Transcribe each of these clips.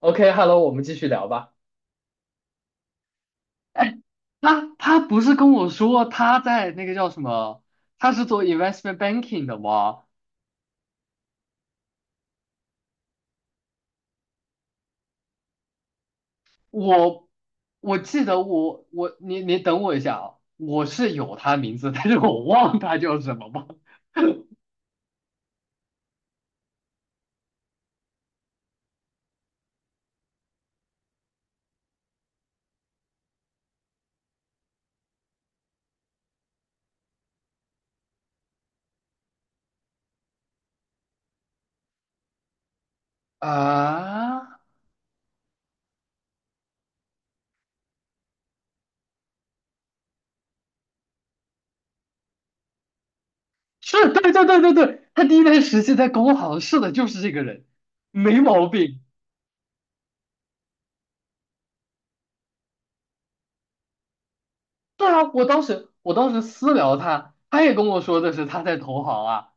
OK，Hello，我们继续聊吧。哎，他不是跟我说他在那个叫什么？他是做 investment banking 的吗？我我记得我我你你等我一下啊，我是有他名字，但是我忘他叫什么吗？啊，是对对对对对，他第一段实习在工行，是的，就是这个人，没毛病。对啊，我当时私聊他，他也跟我说的是他在投行啊。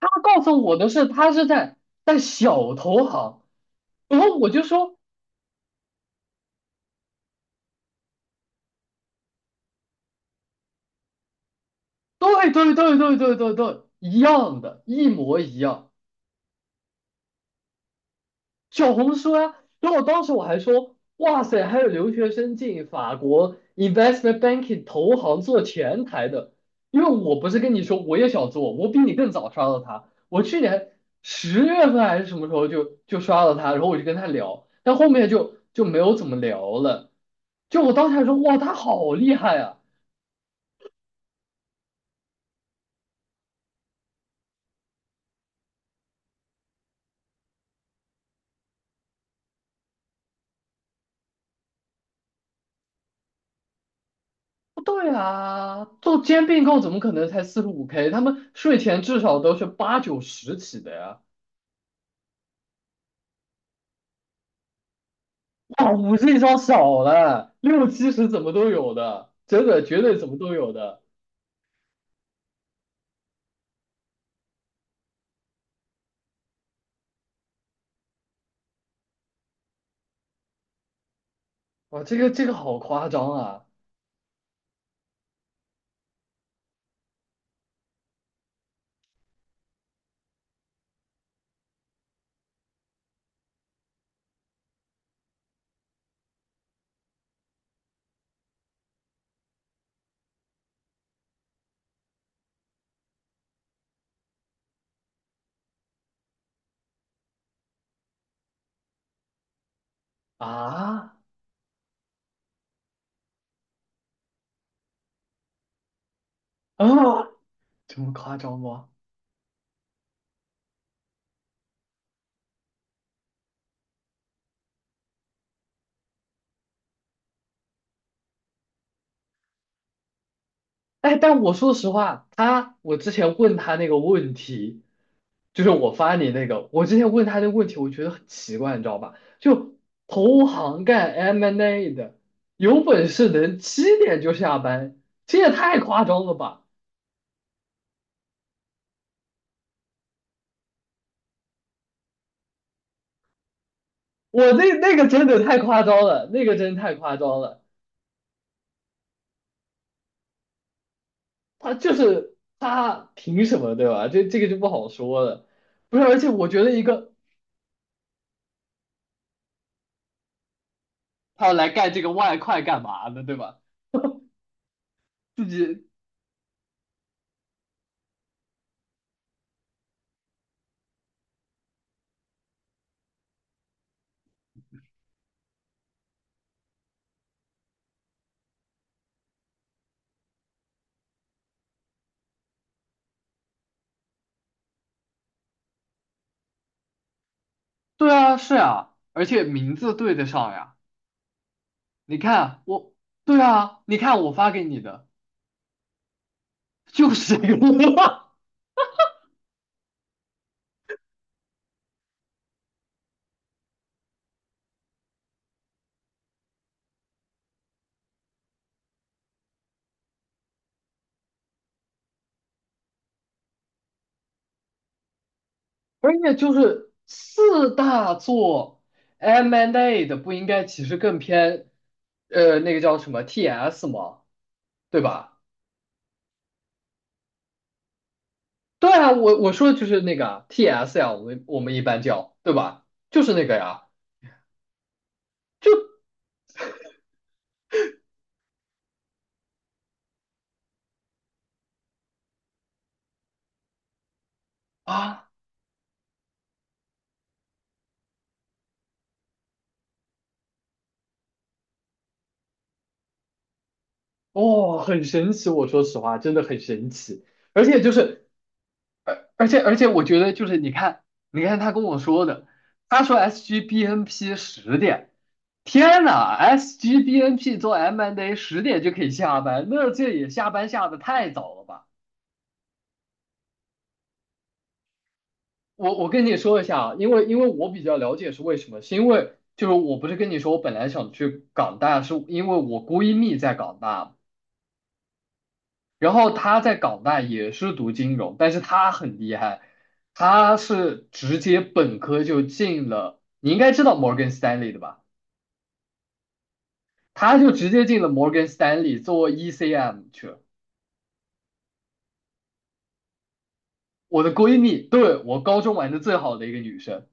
他告诉我的是他是在小投行，然后我就说对对对对对对对，一样的，一模一样，小红书啊。然后当时我还说，哇塞，还有留学生进法国 investment banking 投行做前台的，因为我不是跟你说我也想做，我比你更早刷到他，我去年十月份还是什么时候就刷到他，然后我就跟他聊，但后面就没有怎么聊了。就我当时还说，哇，他好厉害啊！不对啊，做兼并购怎么可能才45K？他们税前至少都是八九十起的呀。哇，五十上少了，六七十怎么都有的，真的绝对怎么都有的。哇，这个好夸张啊！啊啊，这么夸张吗？哎，但我说实话，我之前问他那个问题，就是我发你那个，我之前问他那个问题，我觉得很奇怪，你知道吧？就投行干 M&A n d A 的，有本事能七点就下班，这也太夸张了吧！我那那个真的太夸张了，那个真太夸张了。他就是他凭什么，对吧？这个就不好说了。不是，而且我觉得他来干这个外快干嘛呢，对吧？自己对啊，是啊，而且名字对得上呀。你看我，对啊，你看我发给你的。就是这个，而且就是四大作 M&A n d A 的不应该其实更偏，那个叫什么 TS 吗？对吧？对啊，我说的就是那个啊 TS 呀，我们一般叫，对吧？就是那个呀，就啊，哦，很神奇，我说实话，真的很神奇，而且我觉得就是你看，你看他跟我说的，他说 SGBNP 十点，天呐，SGBNP 做 M&A N P 做 M and A 10点就可以下班，那这也下班下的太早了吧？我跟你说一下啊，因为我比较了解是为什么，是因为就是我不是跟你说我本来想去港大，是因为我闺蜜在港大嘛，然后他在港大也是读金融，但是他很厉害，他是直接本科就进了，你应该知道 Morgan Stanley 的吧？他就直接进了 Morgan Stanley 做 ECM 去了。我的闺蜜，对，我高中玩的最好的一个女生，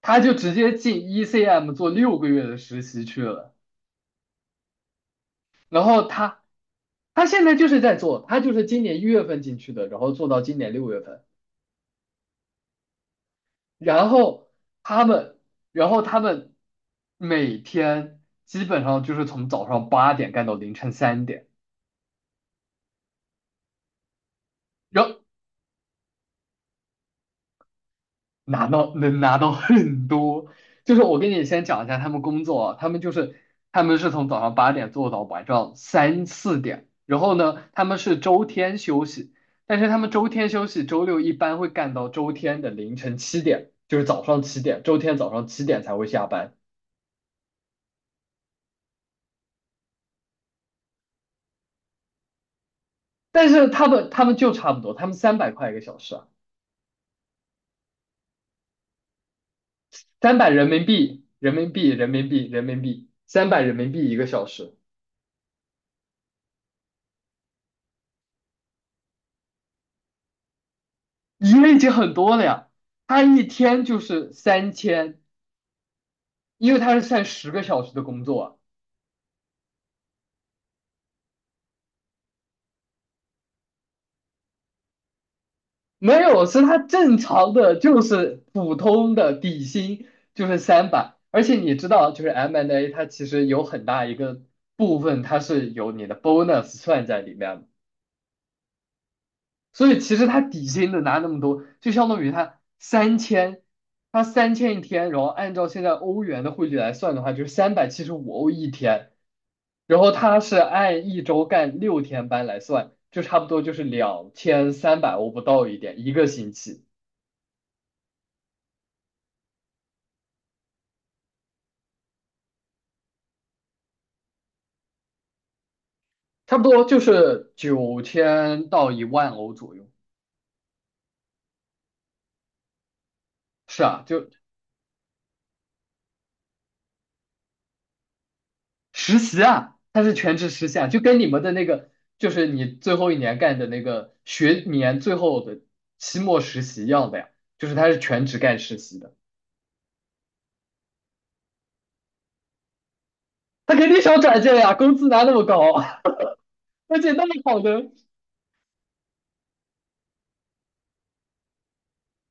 她就直接进 ECM 做6个月的实习去了。然后她，她现在就是在做，她就是今年1月份进去的，然后做到今年6月份。然后他们，然后他们每天基本上就是从早上八点干到凌晨3点，然后拿到很多。就是我跟你先讲一下他们工作啊，他们是从早上八点做到晚上三四点，然后呢，他们是周天休息，但是他们周天休息，周六一般会干到周天的凌晨七点，就是早上七点，周天早上七点才会下班。但是他们就差不多，他们300块一个小时。三百人民币，人民币，人民币，人民币，三百人民币一个小时，一个已经很多了呀。他一天就是三千，因为他是算10个小时的工作啊没有，是他正常的，就是普通的底薪就是三百，而且你知道，就是 M&A 它其实有很大一个部分它是有你的 bonus 算在里面的。所以其实他底薪的拿那么多，就相当于他三千，他三千一天，然后按照现在欧元的汇率来算的话，就是375欧一天，然后他是按一周干6天班来算，就差不多就是2,300欧不到一点，一个星期，差不多就是9000到1万欧左右。是啊，就实习啊，他是全职实习啊，就跟你们的那个，就是你最后一年干的那个学年最后的期末实习一样的呀，就是他是全职干实习的，他肯定想转正呀，工资拿那么高，而且那么好的，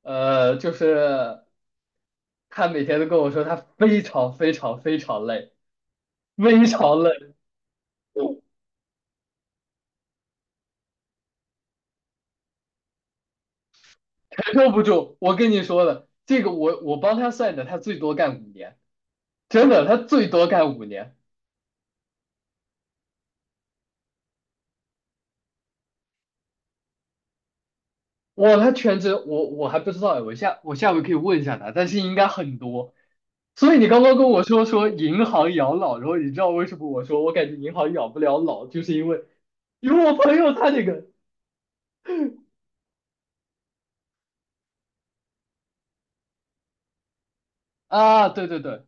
就是他每天都跟我说他非常非常非常累，非常累，承受不住。我跟你说了，这个我帮他算的，他最多干五年，真的，他最多干五年。我他全职，我还不知道哎，我下回可以问一下他，但是应该很多。所以你刚刚跟我说说银行养老，然后你知道为什么我说我感觉银行养不了老，就是因为我朋友他那个啊，对对对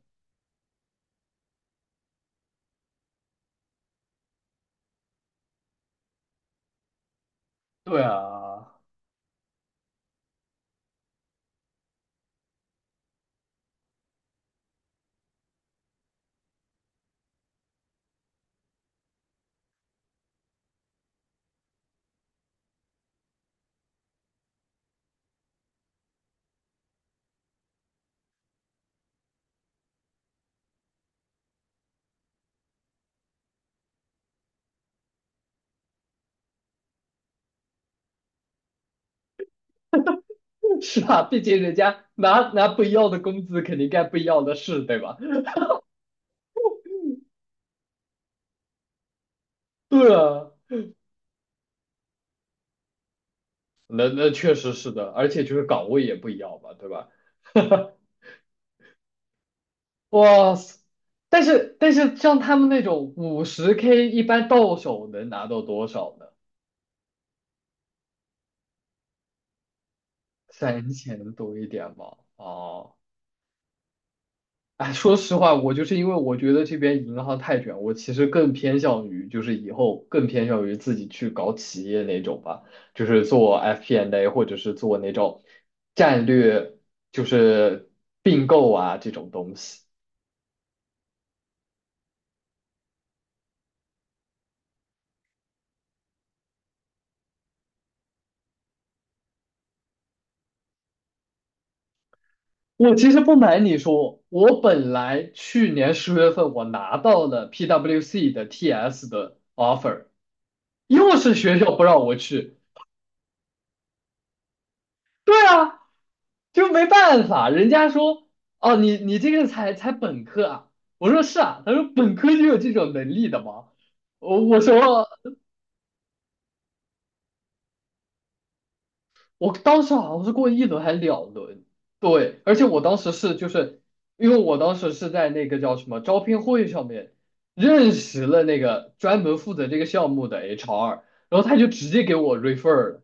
对啊，是啊，毕竟人家拿不一样的工资，肯定干不一样的事，对吧？对啊，那确实是的，而且就是岗位也不一样嘛，对吧？哇塞！但是像他们那种50K，一般到手能拿到多少呢？3000多一点吧。哦，哎，说实话，我就是因为我觉得这边银行太卷，我其实更偏向于就是以后更偏向于自己去搞企业那种吧，就是做 FP&A N 或者是做那种战略，就是并购啊这种东西。我其实不瞒你说，我本来去年十月份我拿到了 PWC 的 TS 的 offer，又是学校不让我去。对啊，就没办法，人家说哦，你这个才本科啊，我说是啊，他说本科就有这种能力的吗？我我说我当时好像是过一轮还是两轮，对，而且我当时是就是因为我当时是在那个叫什么招聘会上面认识了那个专门负责这个项目的 HR，然后他就直接给我 refer 了。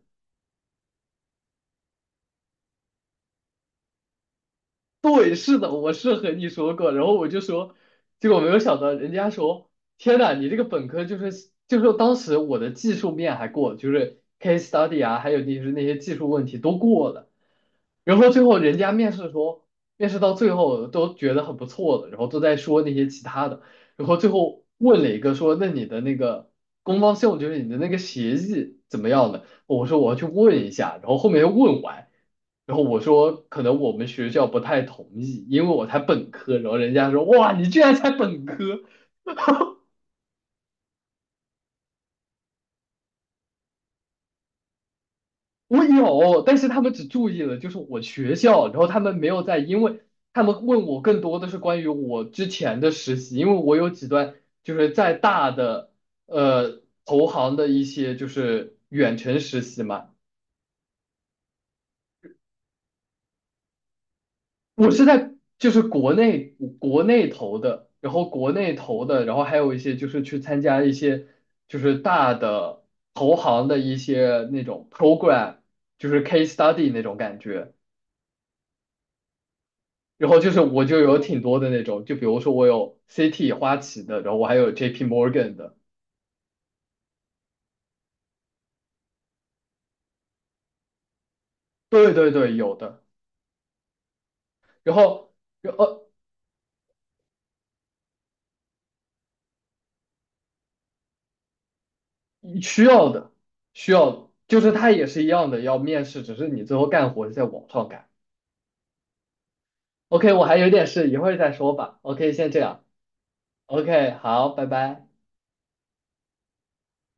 对，是的，我是和你说过，然后我就说，结果没有想到，人家说，天呐，你这个本科就是当时我的技术面还过，就是 case study 啊，还有就是那些技术问题都过了，然后最后人家面试说，面试到最后都觉得很不错了，然后都在说那些其他的，然后最后问了一个说，那你的那个官方项目就是你的那个协议怎么样的？我说我要去问一下，然后后面又问完。然后我说可能我们学校不太同意，因为我才本科。然后人家说哇，你居然才本科，我有，但是他们只注意了就是我学校，然后他们没有在，因为他们问我更多的是关于我之前的实习，因为我有几段就是在大的投行的一些就是远程实习嘛。我是在就是国内投的，然后国内投的，然后还有一些就是去参加一些就是大的投行的一些那种 program，就是 case study 那种感觉。然后就是我就有挺多的那种，就比如说我有 CT 花旗的，然后我还有 JP Morgan 的，对对对，有的。然后呃需要的需要就是它也是一样的要面试，只是你最后干活是在网上干。OK，我还有点事，一会儿再说吧。OK，先这样。OK，好，拜拜。